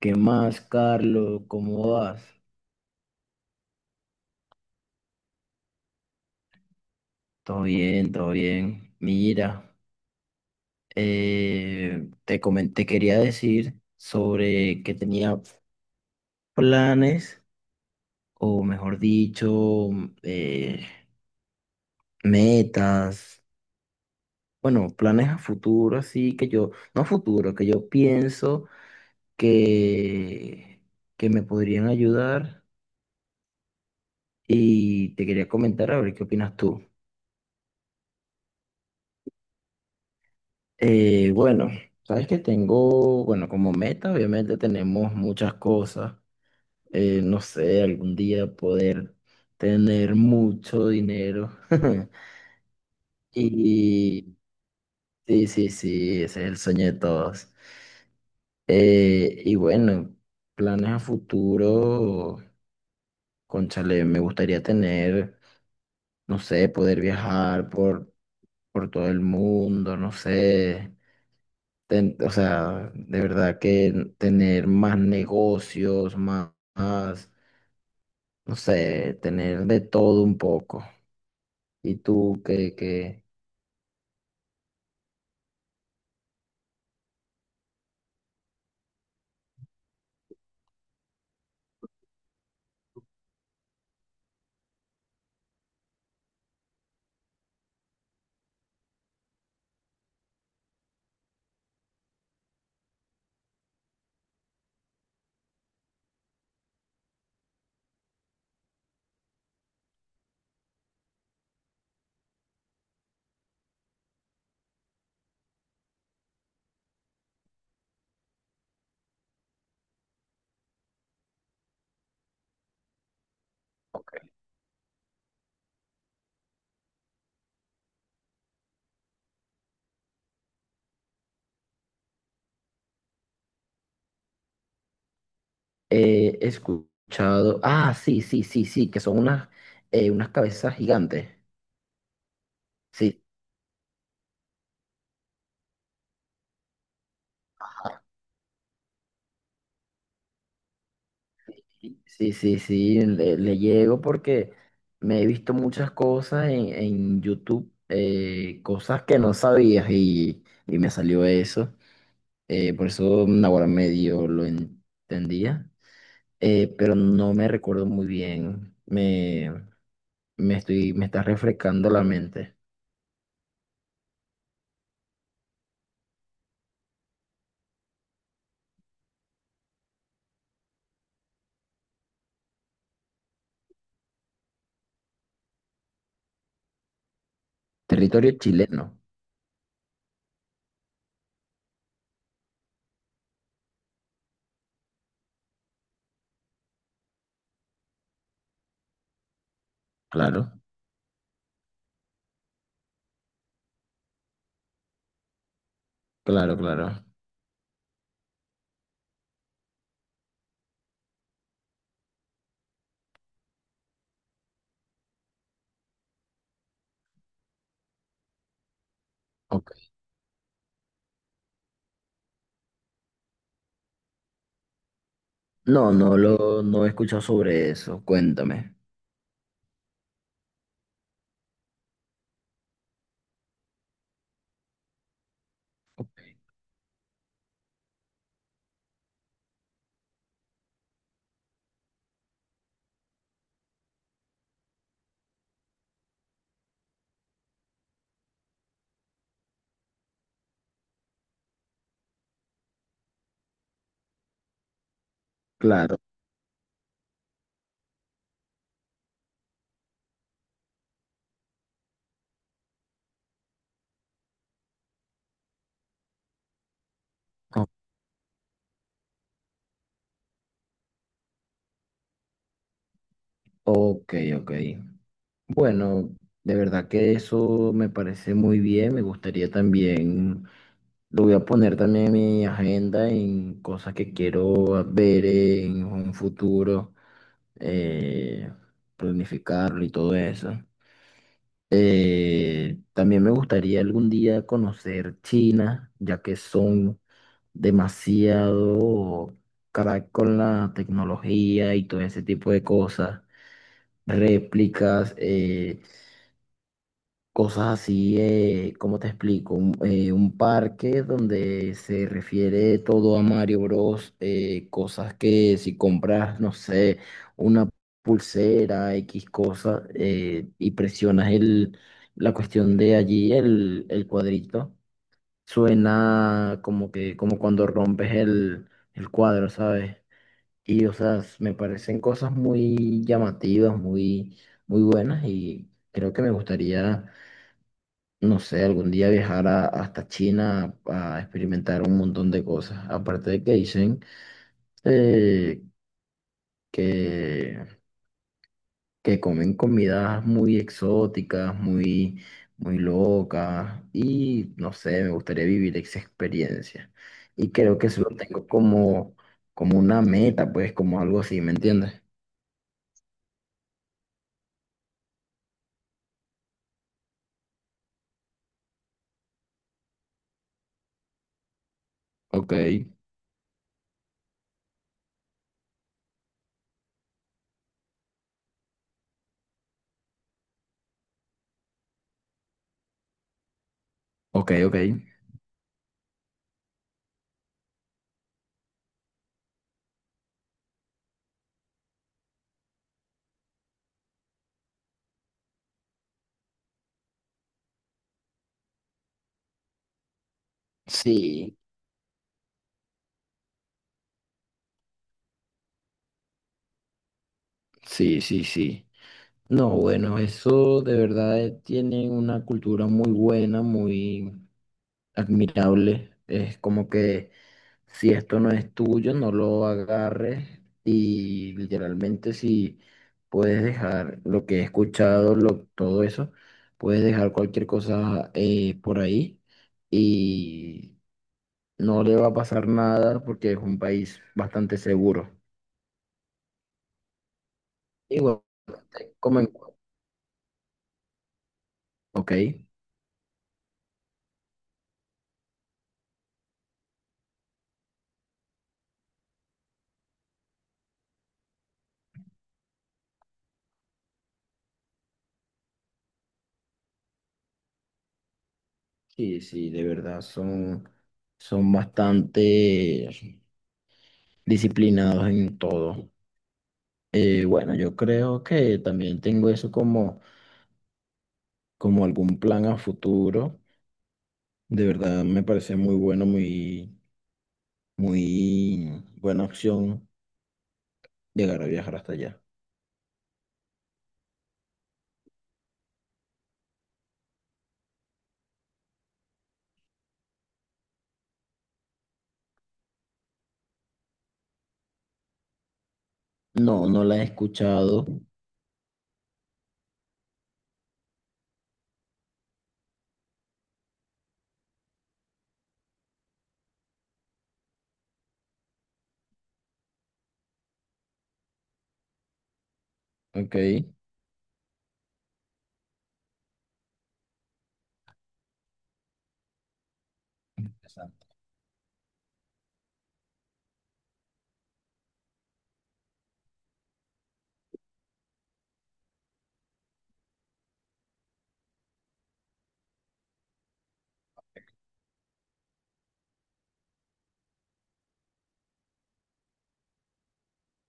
¿Qué más, Carlos? ¿Cómo vas? Todo bien, todo bien. Mira, te quería decir sobre que tenía planes, o mejor dicho, eh, metas, bueno, planes a futuro, así que yo, no a futuro, que yo pienso que, que me podrían ayudar, y te quería comentar a ver qué opinas tú. Bueno, sabes que tengo, bueno, como meta, obviamente tenemos muchas cosas. No sé, algún día poder tener mucho dinero. Y sí, sí, sí, ese es el sueño de todos. Y bueno, planes a futuro, cónchale, me gustaría tener, no sé, poder viajar por todo el mundo, no sé. O sea, de verdad que tener más negocios, más, más, no sé, tener de todo un poco. Y tú que, que. He escuchado, ah, sí, sí, sí, sí, que son unas, unas cabezas gigantes. Sí, sí, sí, sí, le llego porque me he visto muchas cosas en YouTube, cosas que no sabías y me salió eso. Por eso ahora medio lo entendía, pero no me recuerdo muy bien. Me estoy, me está refrescando la mente. Territorio chileno, claro, claro, claro. Ok. No, no lo, no he escuchado sobre eso. Cuéntame. Ok. Claro. o- Ok, ok. Bueno, de verdad que eso me parece muy bien. Me gustaría también. Lo voy a poner también en mi agenda, en cosas que quiero ver en un futuro, eh, planificarlo y todo eso. También me gustaría algún día conocer China, ya que son demasiado crack con la tecnología y todo ese tipo de cosas, réplicas. Cosas así, ¿cómo te explico? Un parque donde se refiere todo a Mario Bros. Cosas que si compras, no sé, una pulsera, X cosa, y presionas el, la cuestión de allí, el cuadrito, suena como que, como cuando rompes el cuadro, ¿sabes? Y, o sea, me parecen cosas muy llamativas, muy, muy buenas, y creo que me gustaría, no sé, algún día viajar hasta China a experimentar un montón de cosas. Aparte de que dicen, eh, que, que comen comidas muy exóticas, muy, muy locas, y no sé, me gustaría vivir esa experiencia. Y creo que eso lo tengo como, como una meta, pues, como algo así, ¿me entiendes? Ok, ok, ok. Sí, sí, sí, sí. No, bueno, eso de verdad tiene una cultura muy buena, muy admirable. Es como que si esto no es tuyo, no lo agarres, y literalmente si puedes dejar lo que he escuchado, lo, todo eso, puedes dejar cualquier cosa por ahí, y no le va a pasar nada porque es un país bastante seguro. Igual, como en... Ok. Sí, sí, de verdad, son, son bastante disciplinados en todo. Bueno, yo creo que también tengo eso como, como algún plan a futuro. De verdad, me parece muy bueno, muy, muy buena opción llegar a viajar hasta allá. No, no la he escuchado. Ok. Exacto.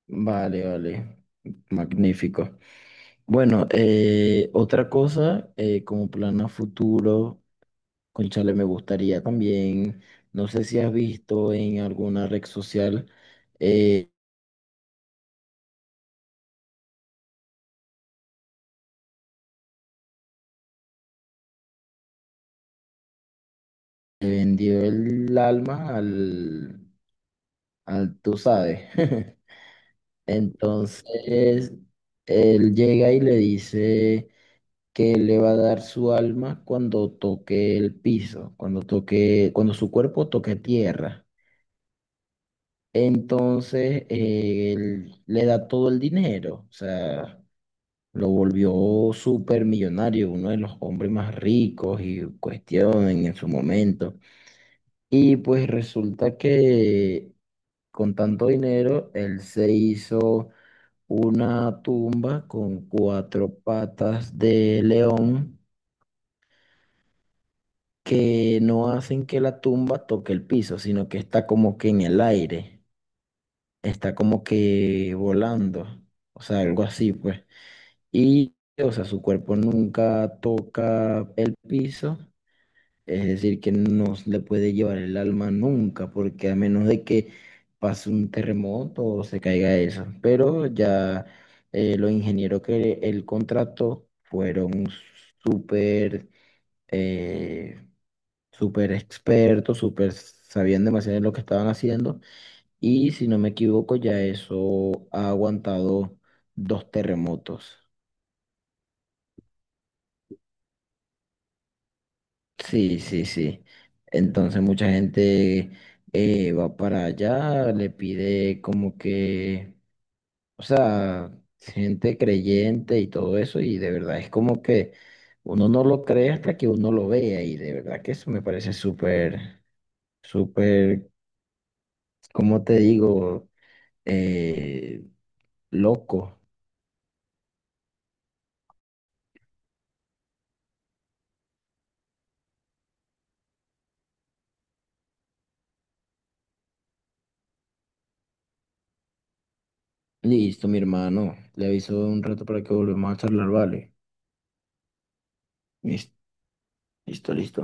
Vale, vale. Magnífico. Bueno, otra cosa, como plan a futuro. Cónchale, me gustaría también, no sé si has visto en alguna red social, eh, que vendió el alma al, al tú sabes. Entonces, él llega y le dice que le va a dar su alma cuando toque el piso, cuando toque, cuando su cuerpo toque tierra. Entonces, él le da todo el dinero, o sea. Lo volvió súper millonario, uno de los hombres más ricos y cuestionen en su momento. Y pues resulta que con tanto dinero, él se hizo una tumba con cuatro patas de león que no hacen que la tumba toque el piso, sino que está como que en el aire, está como que volando, o sea, algo así pues. Y, o sea, su cuerpo nunca toca el piso. Es decir, que no se le puede llevar el alma nunca, porque a menos de que pase un terremoto o se caiga eso. Pero ya los ingenieros que él contrató fueron súper, eh, súper expertos, súper sabían demasiado de lo que estaban haciendo. Y si no me equivoco, ya eso ha aguantado 2 terremotos. Sí, sí, sí. Entonces mucha gente va para allá, le pide como que, o sea, gente creyente y todo eso, y de verdad es como que uno no lo cree hasta que uno lo vea, y de verdad que eso me parece súper, súper, ¿cómo te digo? Eh, Loco. Listo, mi hermano. Le aviso un rato para que volvamos a charlar, ¿vale? Listo, listo, listo.